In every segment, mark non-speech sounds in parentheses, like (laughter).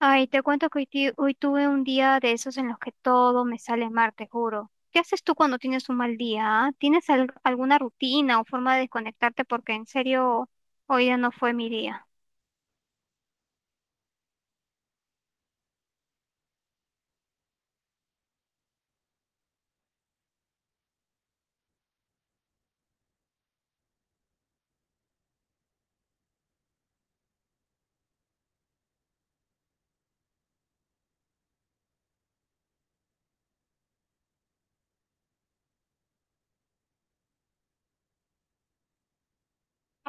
Ay, te cuento que hoy, hoy tuve un día de esos en los que todo me sale mal, te juro. ¿Qué haces tú cuando tienes un mal día? ¿ah? ¿Tienes alguna rutina o forma de desconectarte? Porque en serio, hoy ya no fue mi día.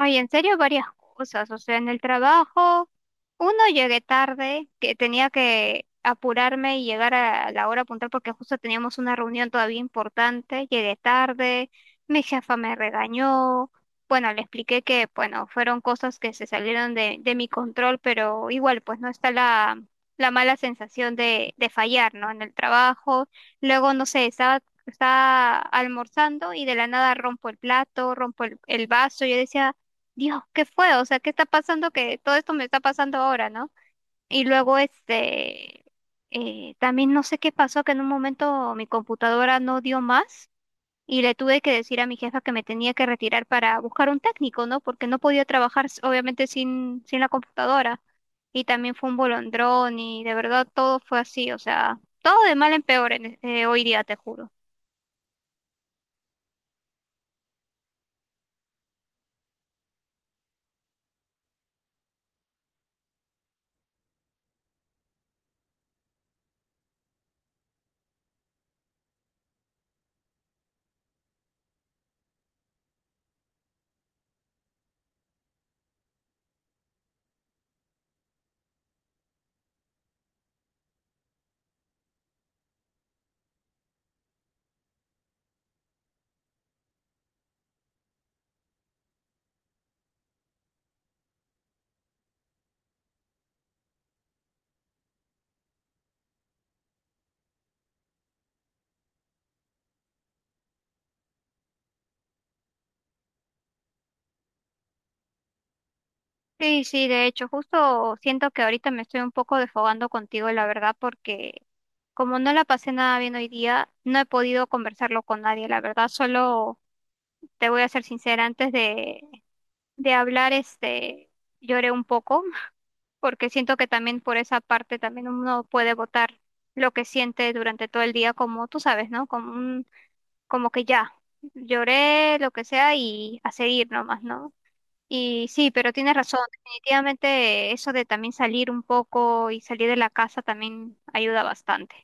Ay, en serio, varias cosas. O sea, en el trabajo, uno llegué tarde, que tenía que apurarme y llegar a la hora puntual porque justo teníamos una reunión todavía importante. Llegué tarde, mi jefa me regañó. Bueno, le expliqué que, bueno, fueron cosas que se salieron de mi control, pero igual, pues no está la mala sensación de fallar, ¿no? En el trabajo. Luego, no sé, estaba almorzando y de la nada rompo el plato, rompo el vaso. Yo decía, Dios, ¿qué fue? O sea, ¿qué está pasando? Que todo esto me está pasando ahora, ¿no? Y luego, también no sé qué pasó, que en un momento mi computadora no dio más y le tuve que decir a mi jefa que me tenía que retirar para buscar un técnico, ¿no? Porque no podía trabajar, obviamente, sin la computadora. Y también fue un bolondrón y de verdad todo fue así, o sea, todo de mal en peor en, hoy día, te juro. Sí, sí, de hecho, justo siento que ahorita me estoy un poco desfogando contigo, la verdad, porque como no la pasé nada bien hoy día, no he podido conversarlo con nadie, la verdad, solo te voy a ser sincera, antes de hablar, lloré un poco, (laughs) porque siento que también por esa parte también uno puede votar lo que siente durante todo el día, como tú sabes, ¿no? Como un, como que ya, lloré, lo que sea, y a seguir nomás, ¿no? Y sí, pero tienes razón, definitivamente eso de también salir un poco y salir de la casa también ayuda bastante.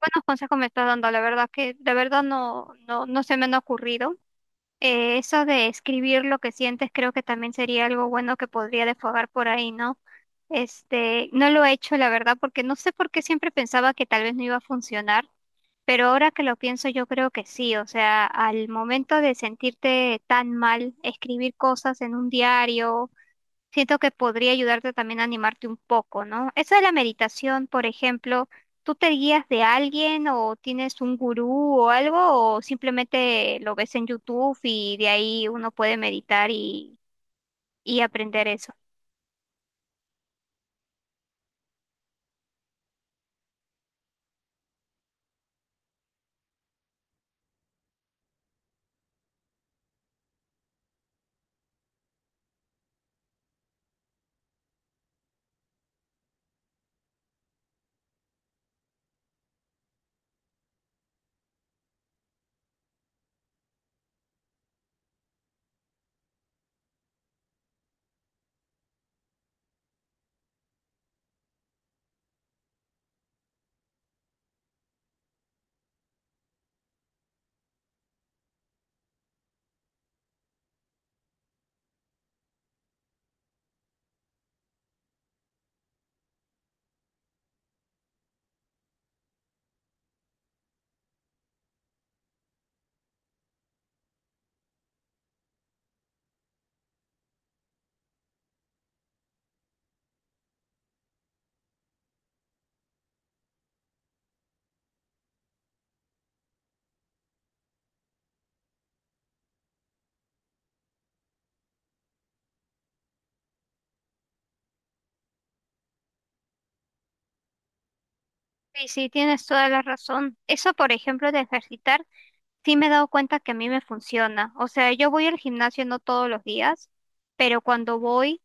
Buenos consejos me estás dando, la verdad que de verdad no, no, no se me han ocurrido. Eso de escribir lo que sientes creo que también sería algo bueno que podría desfogar por ahí, ¿no? Este, no lo he hecho, la verdad, porque no sé por qué siempre pensaba que tal vez no iba a funcionar. Pero ahora que lo pienso, yo creo que sí, o sea, al momento de sentirte tan mal, escribir cosas en un diario siento que podría ayudarte también a animarte un poco, ¿no? Eso de la meditación, por ejemplo, ¿tú te guías de alguien o tienes un gurú o algo o simplemente lo ves en YouTube y de ahí uno puede meditar y aprender eso? Sí, sí, tienes toda la razón. Eso, por ejemplo, de ejercitar, sí me he dado cuenta que a mí me funciona. O sea, yo voy al gimnasio no todos los días, pero cuando voy...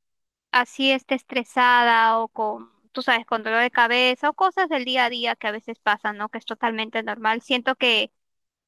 así esté estresada o con, tú sabes, con dolor de cabeza o cosas del día a día que a veces pasan, ¿no? Que es totalmente normal. Siento que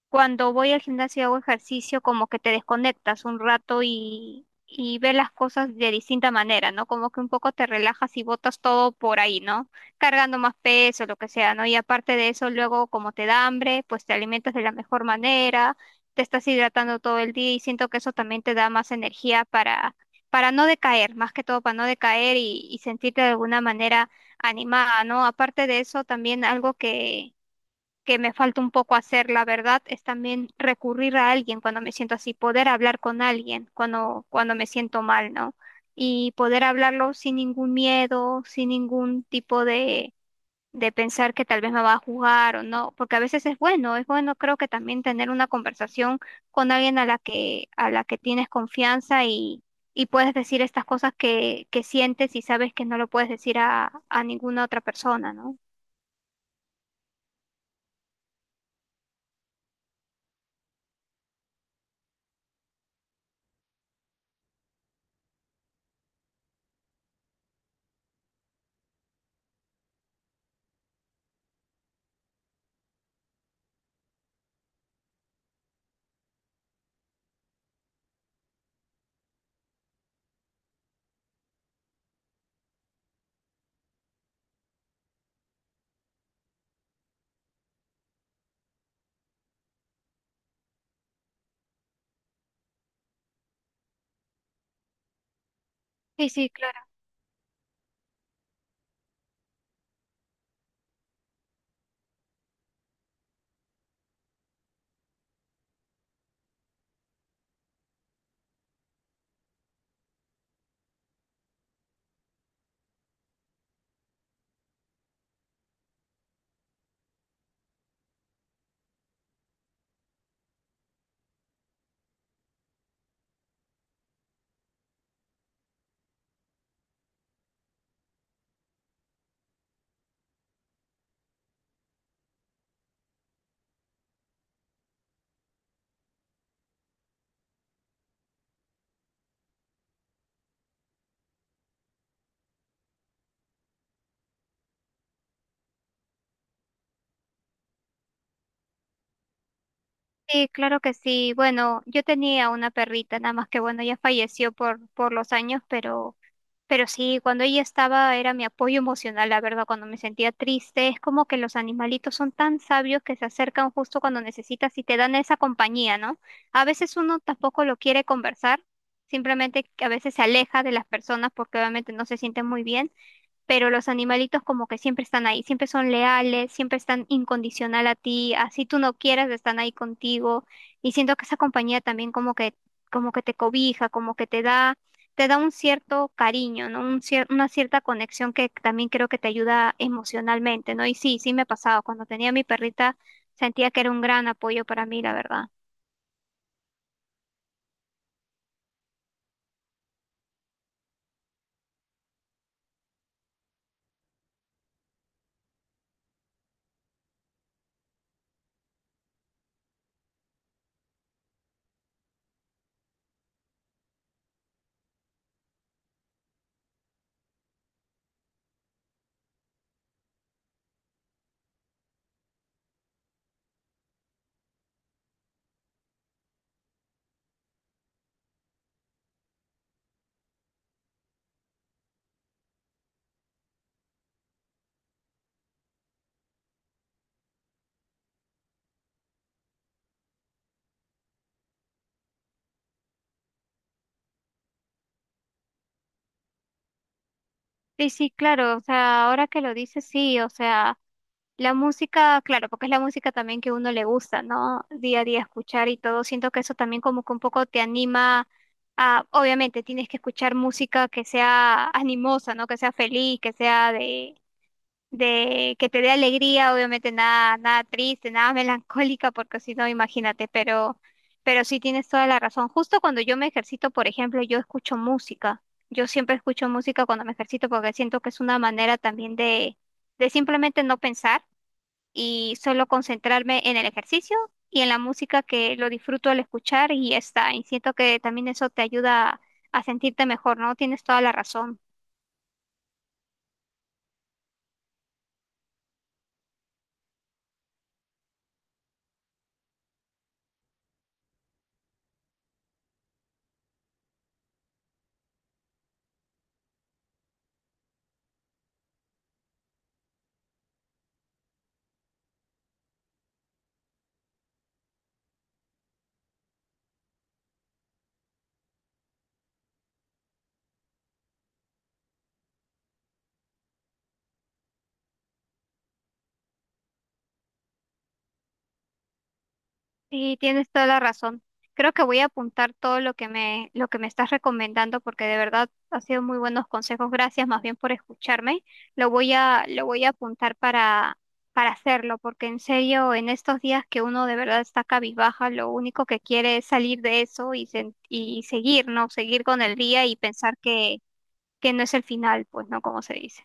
cuando voy al gimnasio y hago ejercicio, como que te desconectas un rato y ves las cosas de distinta manera, ¿no? Como que un poco te relajas y botas todo por ahí, ¿no? Cargando más peso, lo que sea, ¿no? Y aparte de eso, luego como te da hambre, pues te alimentas de la mejor manera, te estás hidratando todo el día y siento que eso también te da más energía para no decaer, más que todo para no decaer y sentirte de alguna manera animada, ¿no? Aparte de eso, también algo que me falta un poco hacer, la verdad, es también recurrir a alguien cuando me siento así, poder hablar con alguien cuando, cuando me siento mal, ¿no? Y poder hablarlo sin ningún miedo, sin ningún tipo de pensar que tal vez me va a juzgar o no, porque a veces es bueno creo que también tener una conversación con alguien a la que tienes confianza y puedes decir estas cosas que sientes y sabes que no lo puedes decir a ninguna otra persona, ¿no? Sí, sí, sí, claro que sí. Bueno, yo tenía una perrita, nada más que bueno, ya falleció por los años, pero sí, cuando ella estaba era mi apoyo emocional, la verdad, cuando me sentía triste. Es como que los animalitos son tan sabios que se acercan justo cuando necesitas y te dan esa compañía, ¿no? A veces uno tampoco lo quiere conversar, simplemente que a veces se aleja de las personas porque obviamente no se sienten muy bien, pero los animalitos como que siempre están ahí, siempre son leales, siempre están incondicional a ti, así tú no quieras, están ahí contigo. Y siento que esa compañía también como que te cobija, como que te da un cierto cariño, ¿no? Una cierta conexión que también creo que te ayuda emocionalmente, ¿no? Y sí, sí me ha pasado. Cuando tenía a mi perrita, sentía que era un gran apoyo para mí, la verdad. Sí, sí, claro, o sea, ahora que lo dices, sí, o sea. La música, claro, porque es la música también que uno le gusta, ¿no? Día a día escuchar y todo. Siento que eso también como que un poco te anima a, obviamente, tienes que escuchar música que sea animosa, ¿no? Que sea feliz, que sea de que te dé alegría, obviamente nada, nada triste, nada (laughs) melancólica, porque si no, imagínate, pero sí tienes toda la razón. Justo cuando yo me ejercito, por ejemplo, yo escucho música. Yo siempre escucho música cuando me ejercito porque siento que es una manera también de simplemente no pensar y solo concentrarme en el ejercicio y en la música que lo disfruto al escuchar y ya está. Y siento que también eso te ayuda a sentirte mejor, ¿no? Tienes toda la razón. Sí, tienes toda la razón. Creo que voy a apuntar todo lo que me estás recomendando porque de verdad ha sido muy buenos consejos. Gracias más bien por escucharme. Lo voy a apuntar para hacerlo porque en serio, en estos días que uno de verdad está cabizbaja, lo único que quiere es salir de eso y, y seguir, ¿no? Seguir con el día y pensar que no es el final, pues, ¿no? Como se dice.